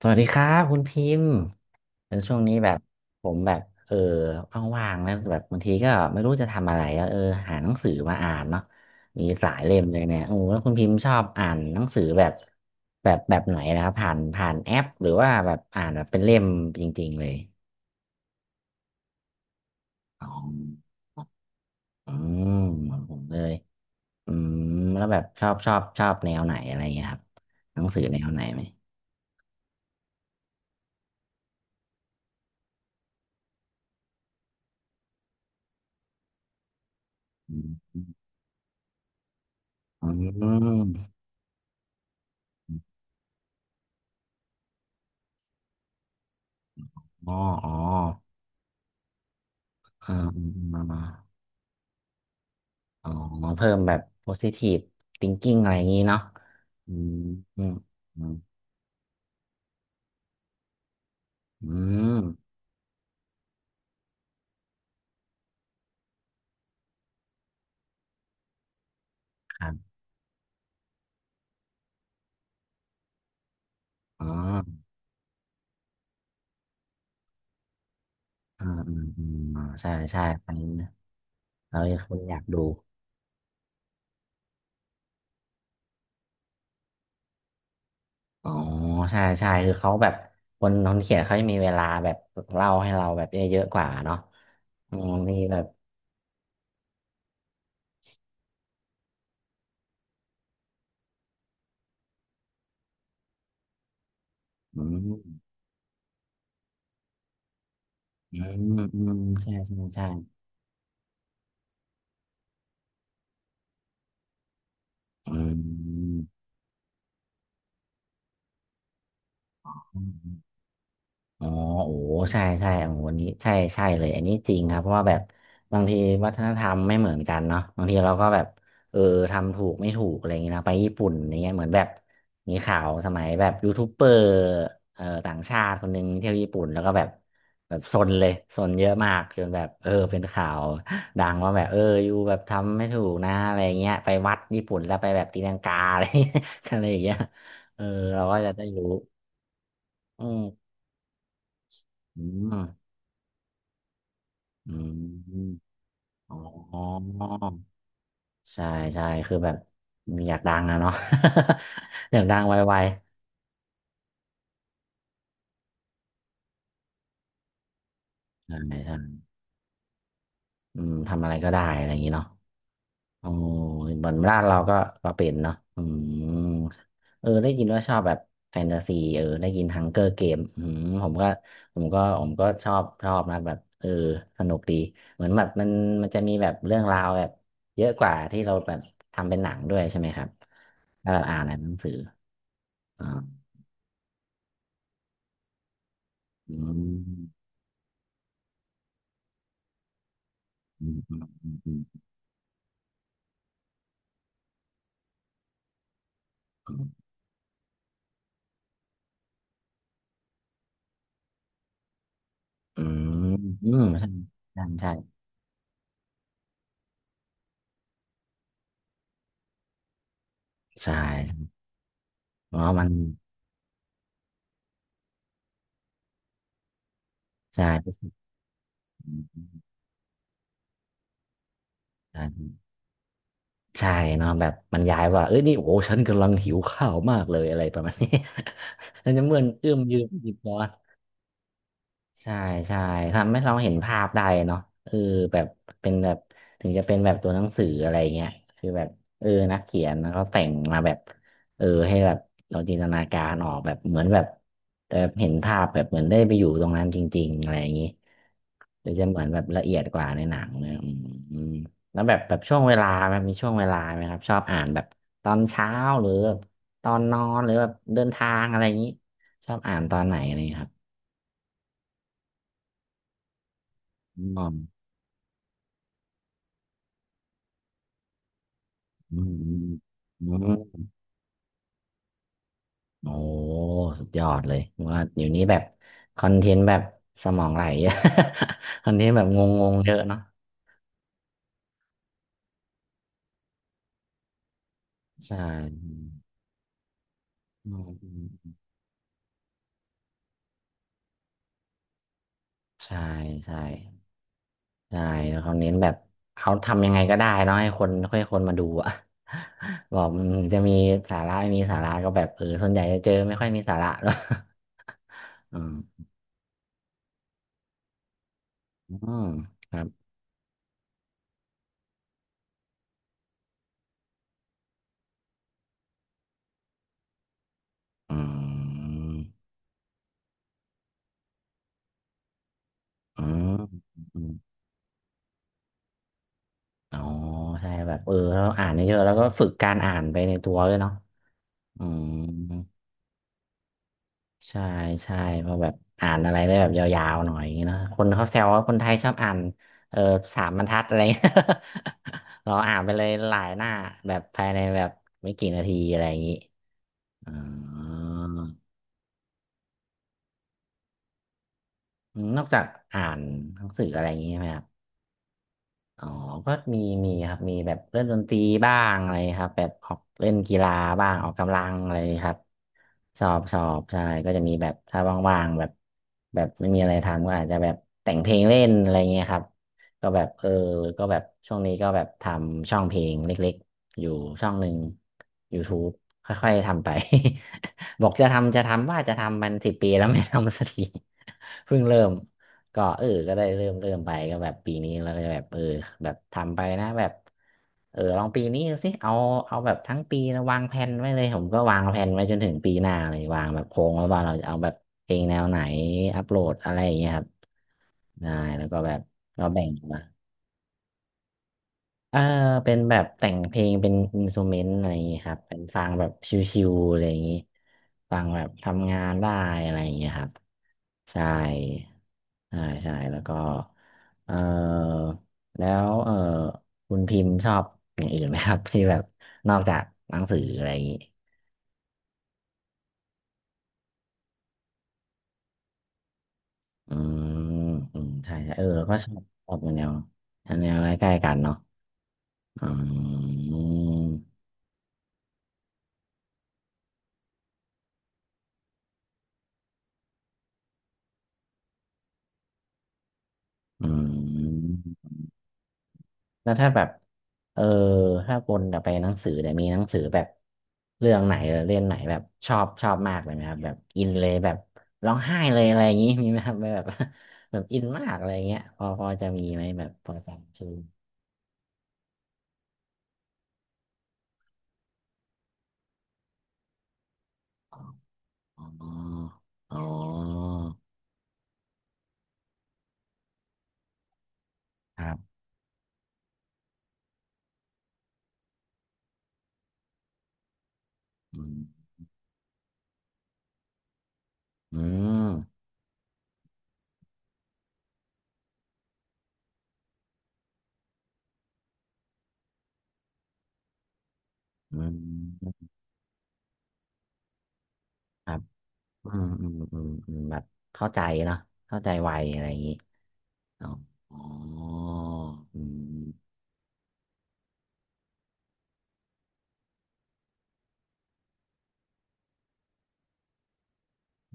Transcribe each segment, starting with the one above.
สวัสดีครับคุณพิมพ์เออช่วงนี้แบบผมแบบเออว่างๆนะแบบบางทีก็ไม่รู้จะทำอะไรอะเออหาหนังสือมาอ่านเนาะมีหลายเล่มเลยเนี่ยโอ้แล้วคุณพิมพ์ชอบอ่านหนังสือแบบไหนนะครับผ่านแอปหรือว่าแบบอ่านแบบเป็นเล่มจริงๆเลยอ๋ออืมเหมือนผมเลยอืมแล้วแบบชอบแนวไหนอะไรเงี้ยครับหนังสือแนวไหนไหมอืมอืมอ๋ออ๋ออ่าอ่า อ๋อเพิ่มแบบ positive thinking อะไรอย่างนี้เนาะอืมอืมอืมอืมครับอ๋ออืมอืมอืมอ๋อใช่ใช่อันนี้นะเราคนอยากดูอ๋อใช่ใช่คือเขาแบบคนน้องเขียนเขาจะมีเวลาแบบเล่าให้เราแบบเยอะๆกว่าเนาะอืมนี่แบบอืมอืมอืมใช่ใช่ใช่อืม อ๋อโอ้ใช่ใช่โอ้โหวันนี้ใช่ใช่เลยอันนี้จริงครับเพราะว่าแบบบางทีวัฒนธรรมไม่เหมือนกันเนาะบางทีเราก็แบบเออทำถูกไม่ถูกอะไรอย่างเงี้ยนะไปญี่ปุ่นอย่างเงี้ยเหมือนแบบมีข่าวสมัยแบบยูทูบเบอร์ต่างชาติคนหนึ่งเที่ยวญี่ปุ่นแล้วก็แบบแบบซนเลยซนเยอะมากจนแบบเออเป็นข่าวดังว่าแบบเอออยู่แบบทำไม่ถูกนะอะไรอย่างเงี้ยไปวัดญี่ปุ่นแล้วไปแบบตีลังกาอะไร อะไรอย่างเงี้ยเออเราก็จะได้รู้อืมอืม อืมอ๋อใช่ใช่คือแบบมีอยากดังนะเนาะ อยากดังไวๆใช่ใช่อืมทำอะไรก็ได้อะไรอย่างนี้เนาะโอ้อเหมือนบ้านเราก็ก็เป็นเนาะอืมเออได้ยินว่าชอบแบบแฟนตาซีเออได้ยินฮังเกอร์เกมอืมผมก็ชอบชอบนะแบบเออสนุกดีเหมือนแบบมันจะมีแบบเรื่องราวแบบเยอะกว่าที่เราแบบทำเป็นหนังด้วยใช่ไหมครับถ้าเราอ่านในหนังสืออ๋อ อืมอืมอืมอืม อืม อืม อืม ใช่ ใช่ใช่ใช่อ๋มัน ใช่ ใช่ใช่เนาะแบบมันย้ายว่า เอ้ย นี่ โอ้ฉันกำลังหิว ข้าว มาก เลย อะไร ประมาณนี้ ฉันจะเมื่อนเอื้อมยืมหยิบร้อน ใช่ใช่ทำให้เราเห็นภาพได้เนาะเออแบบเป็นแบบถึงจะเป็นแบบตัวหนังสืออะไรเงี้ยคือแบบเออนักเขียนแล้แต่งมาแบบเออให้แบบเราจินตนาการออกแบบเหมือนแบบแบบเห็นภาพแบบเหมือนได้ไปอยู่ตรงนั้นจริงๆอะไรอย่างนี้หรือจะเหมือนแบบละเอียดกว่าในหนังเนี่ยอืมอืมแล้วแบบแบบช่วงเวลาแบบมีช่วงเวลาไหมครับชอบอ่านแบบตอนเช้าหรือแบบตอนนอนหรือแบบเดินทางอะไรอย่างนี้ชอบอ่านตอนไหนอะไรอย่างงี้ครับ อืมอืมโอ้สุดยอดเลยว่าเดี๋ยวนี้แบบคอนเทนต์แบบสมองไหล คอนเทนต์แบบงงๆเยอะเนาะใช่อืมอืมใช่ใช่ใช่แล้วเขาเน้นแบบเขาทำยังไงก็ได้เนาะให้คนมาดูอะ บอกมันจะมีสาระไม่มีสาระก็แบบเออส่วนใหญ่จะเจอไม่ค่อยมีสาระหรอก อืมอืมครับอืมอืมอืม อ๋อใช่แบบเออเราอ่านเยอะๆแล้วก็ฝึกการอ่านไปในตัวด้วยเนาะอืมใช่ใช่เพราะแบบอ่านอะไรได้แบบยาวๆหน่อยอย่างงี้เนอะคนเขาแซวว่าคนไทยชอบอ่านเออสามบรรทัดอะไรเงี้ย เราอ่านไปเลยหลายหน้าแบบภายในแบบไม่กี่นาทีอะไรอย่างงี้อ๋อนอกจากอ่านหนังสืออะไรอย่างงี้ใช่ไหมครับ อ๋อก็มีมีครับมีแบบเล่นดนตรีบ้างอะไรครับแบบออกเล่นกีฬาบ้างออกกำลังอะไรครับชอบชอบใช่ก็จะมีแบบถ้าว่างๆแบบแบบไม่มีอะไรทำก็อาจจะแบบแต่งเพลงเล่นอะไรเงี้ยครับก็แบบเออก็แบบช่วงนี้ก็แบบทำช่องเพลงเล็กๆอยู่ช่องหนึ่ง YouTube ค่อยๆทำไป บอกจะทำจะทำว่าจะทำมันสิบปีแล้ว ไม่ทำสักที เพิ่งเริ่ม ก็เออก็ได้เริ่มไปก็แบบปีนี้แล้วก็จะแบบเออแบบทำไปนะแบบเออลองปีนี้ดูสิเอาแบบทั้งปีนะวางแผนไว้เลยผมก็วางแผนไว้จนถึงปีหน้าเลยวางแบบโครงไว้ว่าเราจะเอาแบบเพลงแนวไหนอัปโหลดอะไรอย่างเงี้ยครับได้แล้วก็แบบเราแบ่งมา เออเป็นแบบแต่งเพลงเป็นอินสต u เมนต์อะไรอย่างงี้ครับเป็นฟังแบบชิวๆอะไรอย่างงี้ฟังแบบทำงานได้อะไรอย่างงี้ครับใช่ใช่ใช่แล้วก็เออแล้วคุณพิมพ์ชอบอย่างอื่นไหมครับ ที่แบบนอกจากหนังสืออะไรอย่างงี้อืมอืมใช่ใช่เออเราก็ชอบแนวแนวใกล้ๆกันเนาะอืมอืม แล้วถ้าแบบเออถ้าวนกลับไปหนังสือแต่ยมีหนังสือแบบเรื่องไหนหรือเล่มไหนแบบชอบมากเลยไหมครับแบบอินเลยแบบร้องไห้เลยอะไรอย่างนี้ มีไหมครับแบบ แบบอินมากอะไรอย่างเงี้ยพอจะมีไหมแบบพอจำชื่ออ๋ออ๋อครับอืมอืมอืมครับอืมอืมอืมอืมแบบเข้าใจเนาะเข้าใจไวอะไรอย่างนี้อ๋ออ๋ออืม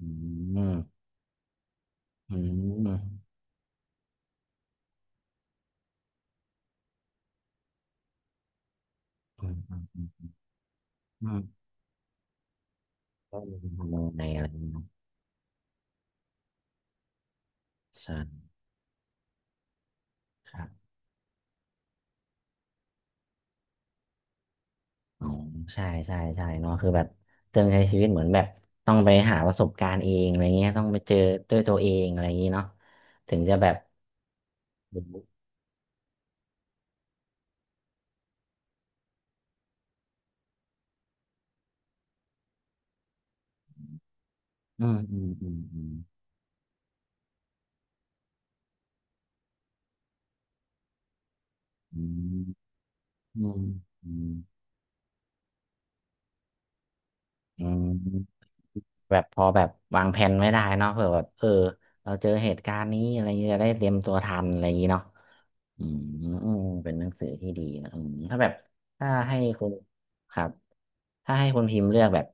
อืมอืม อืมอืมอืมอืมว่ามนทำยัไงอะไรอย่างเงี้ยเนาะใช่ครับอ๋อใช่ใช่ใช่เนาะคือแบบเติมใช้ชีวิตเหมือนแบบต้องไปหาประสบการณ์เองอะไรเงี้ยต้องไปเจอด้วยตัวเองอะไรอย่างงี้เนาะถึงจะแบบรู้อืมอืมอืมอืมอืมอืมอืมอืมแบบพอแบบวางแผนไม่ได้เนาะเผื่อแบบเราเจอเหตุการณ์นี้อะไรเงี้ยจะได้เตรียมตัวทันอะไรอย่างงี้เนาะอืมอืมเป็นหนังสือที่ดีนะอืมถ้าแบบถ้าให้คุณครับ ถ้าให้คุณพิมพ์เลือกแบบ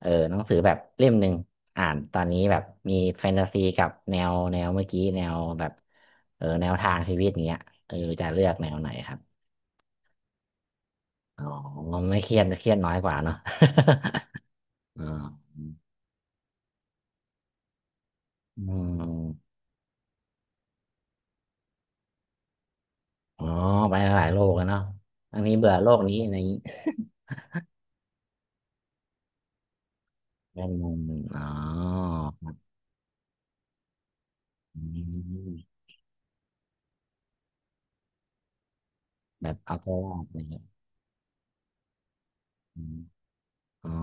หนังสือแบบเล่มหนึ่งอ่านตอนนี้แบบมีแฟนตาซีกับแนวแนวเมื่อกี้แนวแบบแนวทางชีวิตอย่างเงี้ยจะเลือกแนวไหนครับ อ๋อไม่เครียดน้อยกว่าเนาะ อ๋ออืมอ๋อไปหลายโลกแล้วเนาะอันนี้เบื่อโลกนี้อะไรอย่างนี้ แน่นอนอ๋ออืมแบบเอาตัวรอดอะไรอย่างเงี้ยอมอ๋อ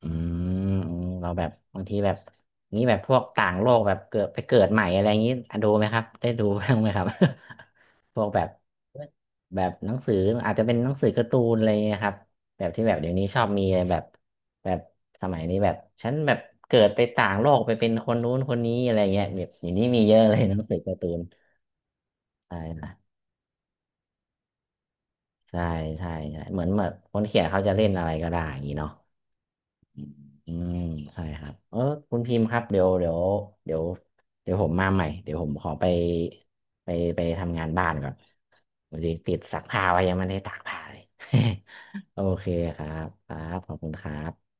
อืมอืมเราแบบบางทีแบบนี้แบบพวกต่างโลกแบบเกิดไปเกิดใหม่อะไรอย่างนี้อ่ะดูไหมครับได้ดูบ้างไหมครับ พวกแบบแบบหนังสืออาจจะเป็นหนังสือการ์ตูนอะไรอย่างเงี้ยครับแบบที่แบบเดี๋ยวนี้ชอบมีอะไรแบบแบบสมัยนี้แบบฉันแบบเกิดไปต่างโลกไปเป็นคนนู้นคนนี้อะไรเงี้ยแบบอย่างนี้มีเยอะเลยหนังสือการ์ตูนใช่นะใช่ใช่ใช่เหมือนแบบคนเขียนเขาจะเล่นอะไรก็ได้อย่างนี้เนาะ อืมใช่ครับคุณพิมพ์ครับเดี๋ยวเดี๋ยวผมมาใหม่เดี๋ยวผมขอไปไปทำงานบ้านก่อนวันนี้ติดซักผ้าไว้ยังไม่ได้ตากผ้าเลย โอเคครับครับขอบคุณครับ